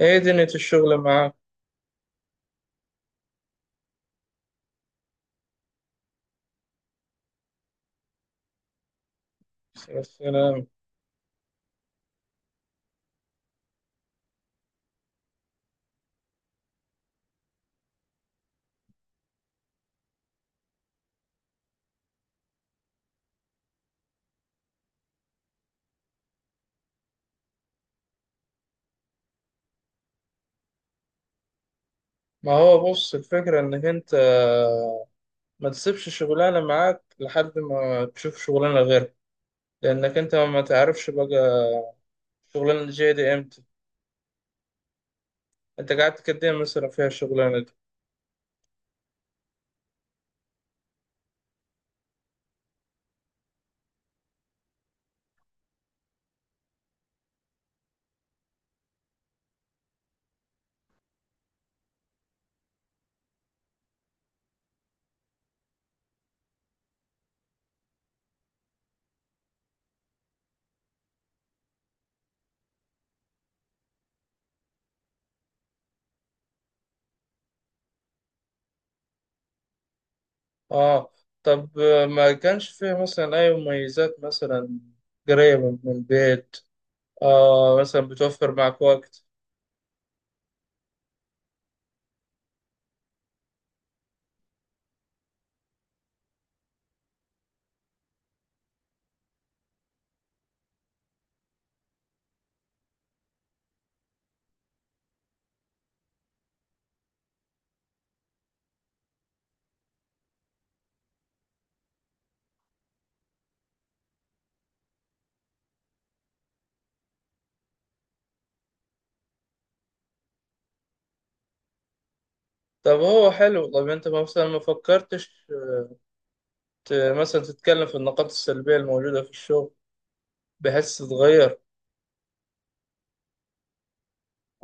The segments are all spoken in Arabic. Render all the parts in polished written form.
ايه دنيا الشغل معاك؟ بس انا. ما هو بص، الفكرة انك انت ما تسيبش شغلانة معاك لحد ما تشوف شغلانة غيرها، لانك انت ما تعرفش بقى الشغلانة جاية دي امتى. انت قعدت قد ايه مثلا فيها الشغلانة دي؟ اه. طب ما كانش فيها مثلا اي مميزات مثلا؟ قريبة من البيت، مثلا بتوفر معك وقت؟ طب هو حلو. طب انت مثلا ما فكرتش ت- مثلا تتكلم في النقاط السلبية الموجودة في الشغل بحيث تتغير؟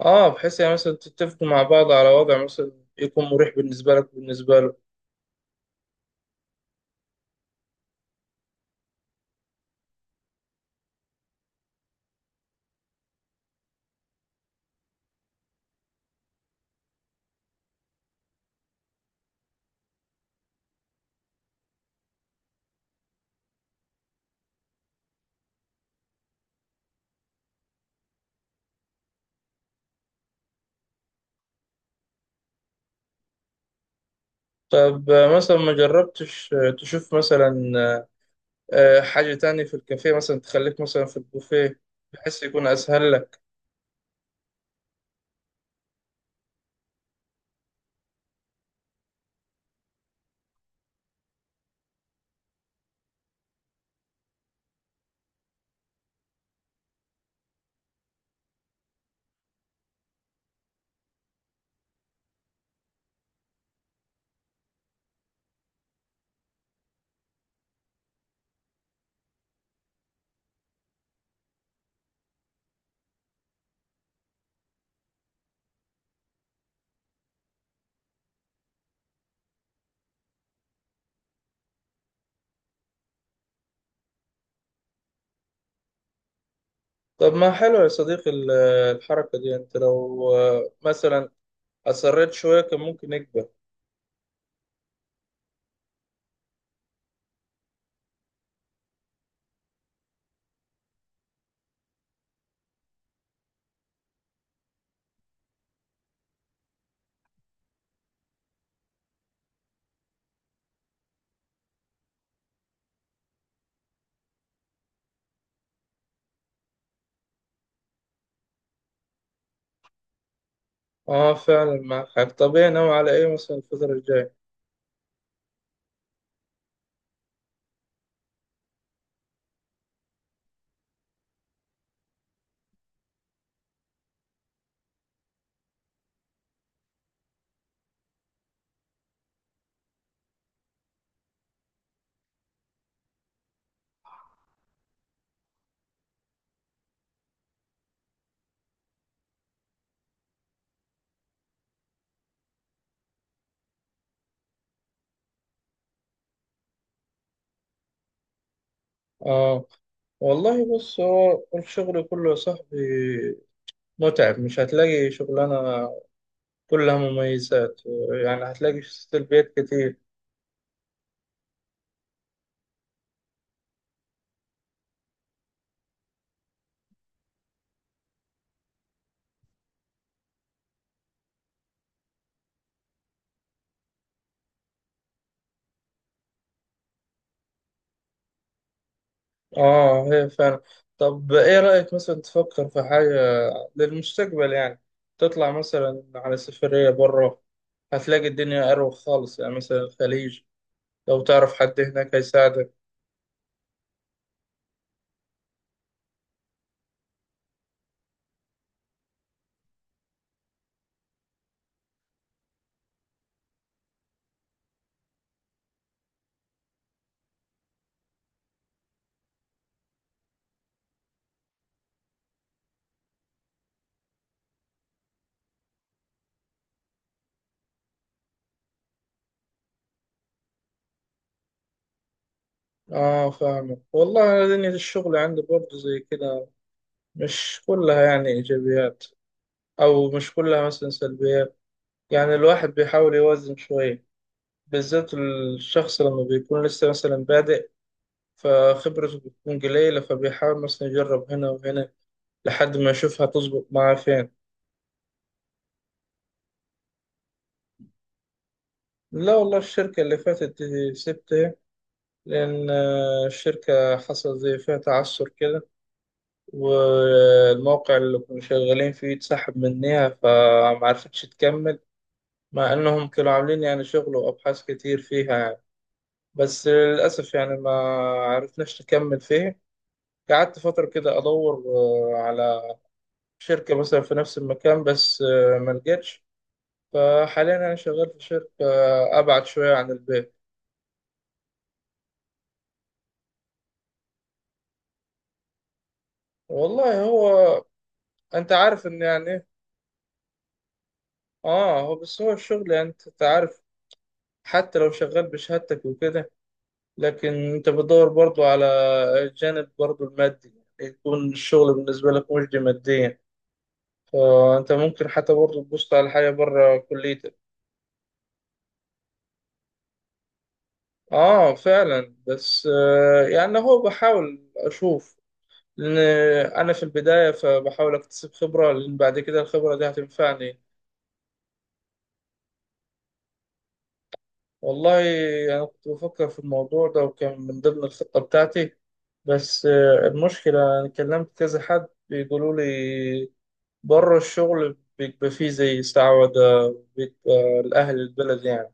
اه، بحيث يعني مثلا تتفقوا مع بعض على وضع مثلا يكون مريح بالنسبة لك وبالنسبة له. طب مثلا ما جربتش تشوف مثلا حاجة تانية في الكافيه، مثلا تخليك مثلا في البوفيه بحيث يكون أسهل لك؟ طب ما حلو يا صديقي الحركة دي، أنت لو مثلا أصريت شوية كان ممكن يكبر. اه فعلا معك حق. طب ايه ناوي على ايه مثلا الفترة الجاية؟ اه. والله بص، هو الشغل كله يا صاحبي متعب، مش هتلاقي شغلانة كلها مميزات، يعني هتلاقي سلبيات كتير. اه هي فعلا. طب ايه رأيك مثلا تفكر في حاجة للمستقبل يعني؟ تطلع مثلا على سفرية بره، هتلاقي الدنيا أروق خالص، يعني مثلا الخليج لو تعرف حد هناك هيساعدك. اه فاهمك والله. أنا دنيا الشغل عندي برضه زي كده، مش كلها يعني إيجابيات أو مش كلها مثلا سلبيات، يعني الواحد بيحاول يوازن شوية، بالذات الشخص لما بيكون لسه مثلا بادئ فخبرته بتكون قليلة، فبيحاول مثلا يجرب هنا وهنا لحد ما يشوف هتظبط معاه فين. لا والله، الشركة اللي فاتت دي سبتها لأن الشركة حصل زي فيها تعثر كده، والموقع اللي كنا شغالين فيه اتسحب منها فمعرفتش تكمل، مع إنهم كانوا عاملين يعني شغل وأبحاث كتير فيها يعني. بس للأسف يعني ما عرفناش نكمل فيه. قعدت فترة كده أدور على شركة مثلا في نفس المكان بس ما لقيتش. فحاليا أنا شغال في شركة أبعد شوية عن البيت. والله هو، أنت عارف إن يعني إيه؟ آه، هو بس هو الشغل يعني أنت عارف، حتى لو شغال بشهادتك وكده لكن أنت بتدور برضو على الجانب برضو المادي، يعني يكون الشغل بالنسبة لك مجدي ماديا، فأنت ممكن حتى برضو تبص على حاجة بره كليتك. آه فعلا، بس آه يعني هو بحاول أشوف لأن أنا في البداية، فبحاول أكتسب خبرة لأن بعد كده الخبرة دي هتنفعني. والله أنا كنت بفكر في الموضوع ده وكان من ضمن الخطة بتاعتي، بس المشكلة أنا كلمت كذا حد بيقولوا لي بره الشغل بيبقى فيه زي استعوذة، بيبقى لأهل البلد يعني،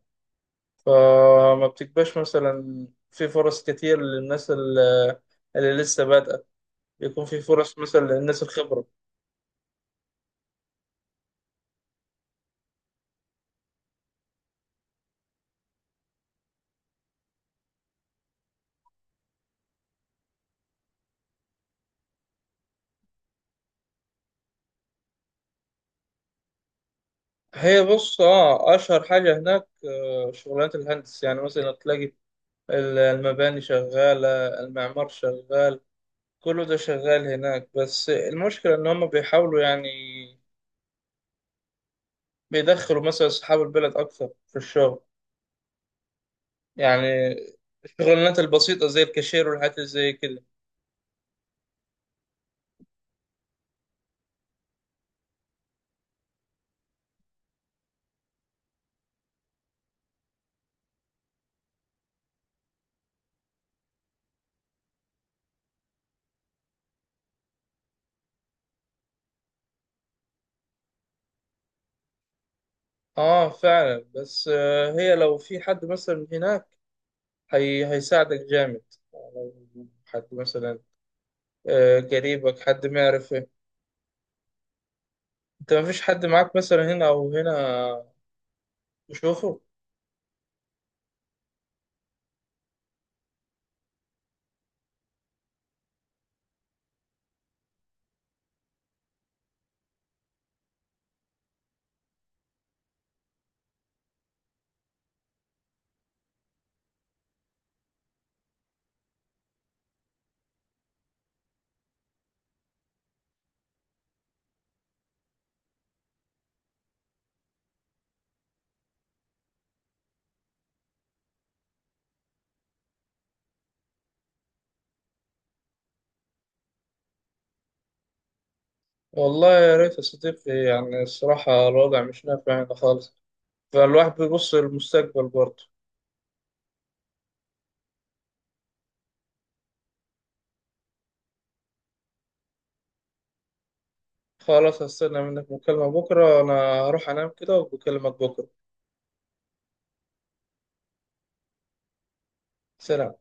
فما بتبقاش مثلا في فرص كتير للناس اللي لسه بادئة، بيكون في فرص مثلا للناس الخبرة. هي بص، اه اشهر حاجه هناك شغلانات الهندس، يعني مثلا تلاقي المباني شغاله، المعمار شغال، كله ده شغال هناك، بس المشكله ان هم بيحاولوا يعني بيدخلوا مثلا اصحاب البلد اكثر في الشغل، يعني الشغلانات البسيطه زي الكاشير والحاجات اللي زي كده. اه فعلا، بس هي لو في حد مثلا هناك هي هيساعدك جامد، لو حد مثلا قريبك، حد معرفة. انت مفيش حد معاك مثلا هنا او هنا تشوفه؟ والله يا ريت يا صديقي، يعني الصراحة الوضع مش نافع هنا خالص، فالواحد بيبص للمستقبل برضه. خلاص، هستنى منك مكالمة بكرة. انا هروح انام كده وبكلمك بكرة. سلام.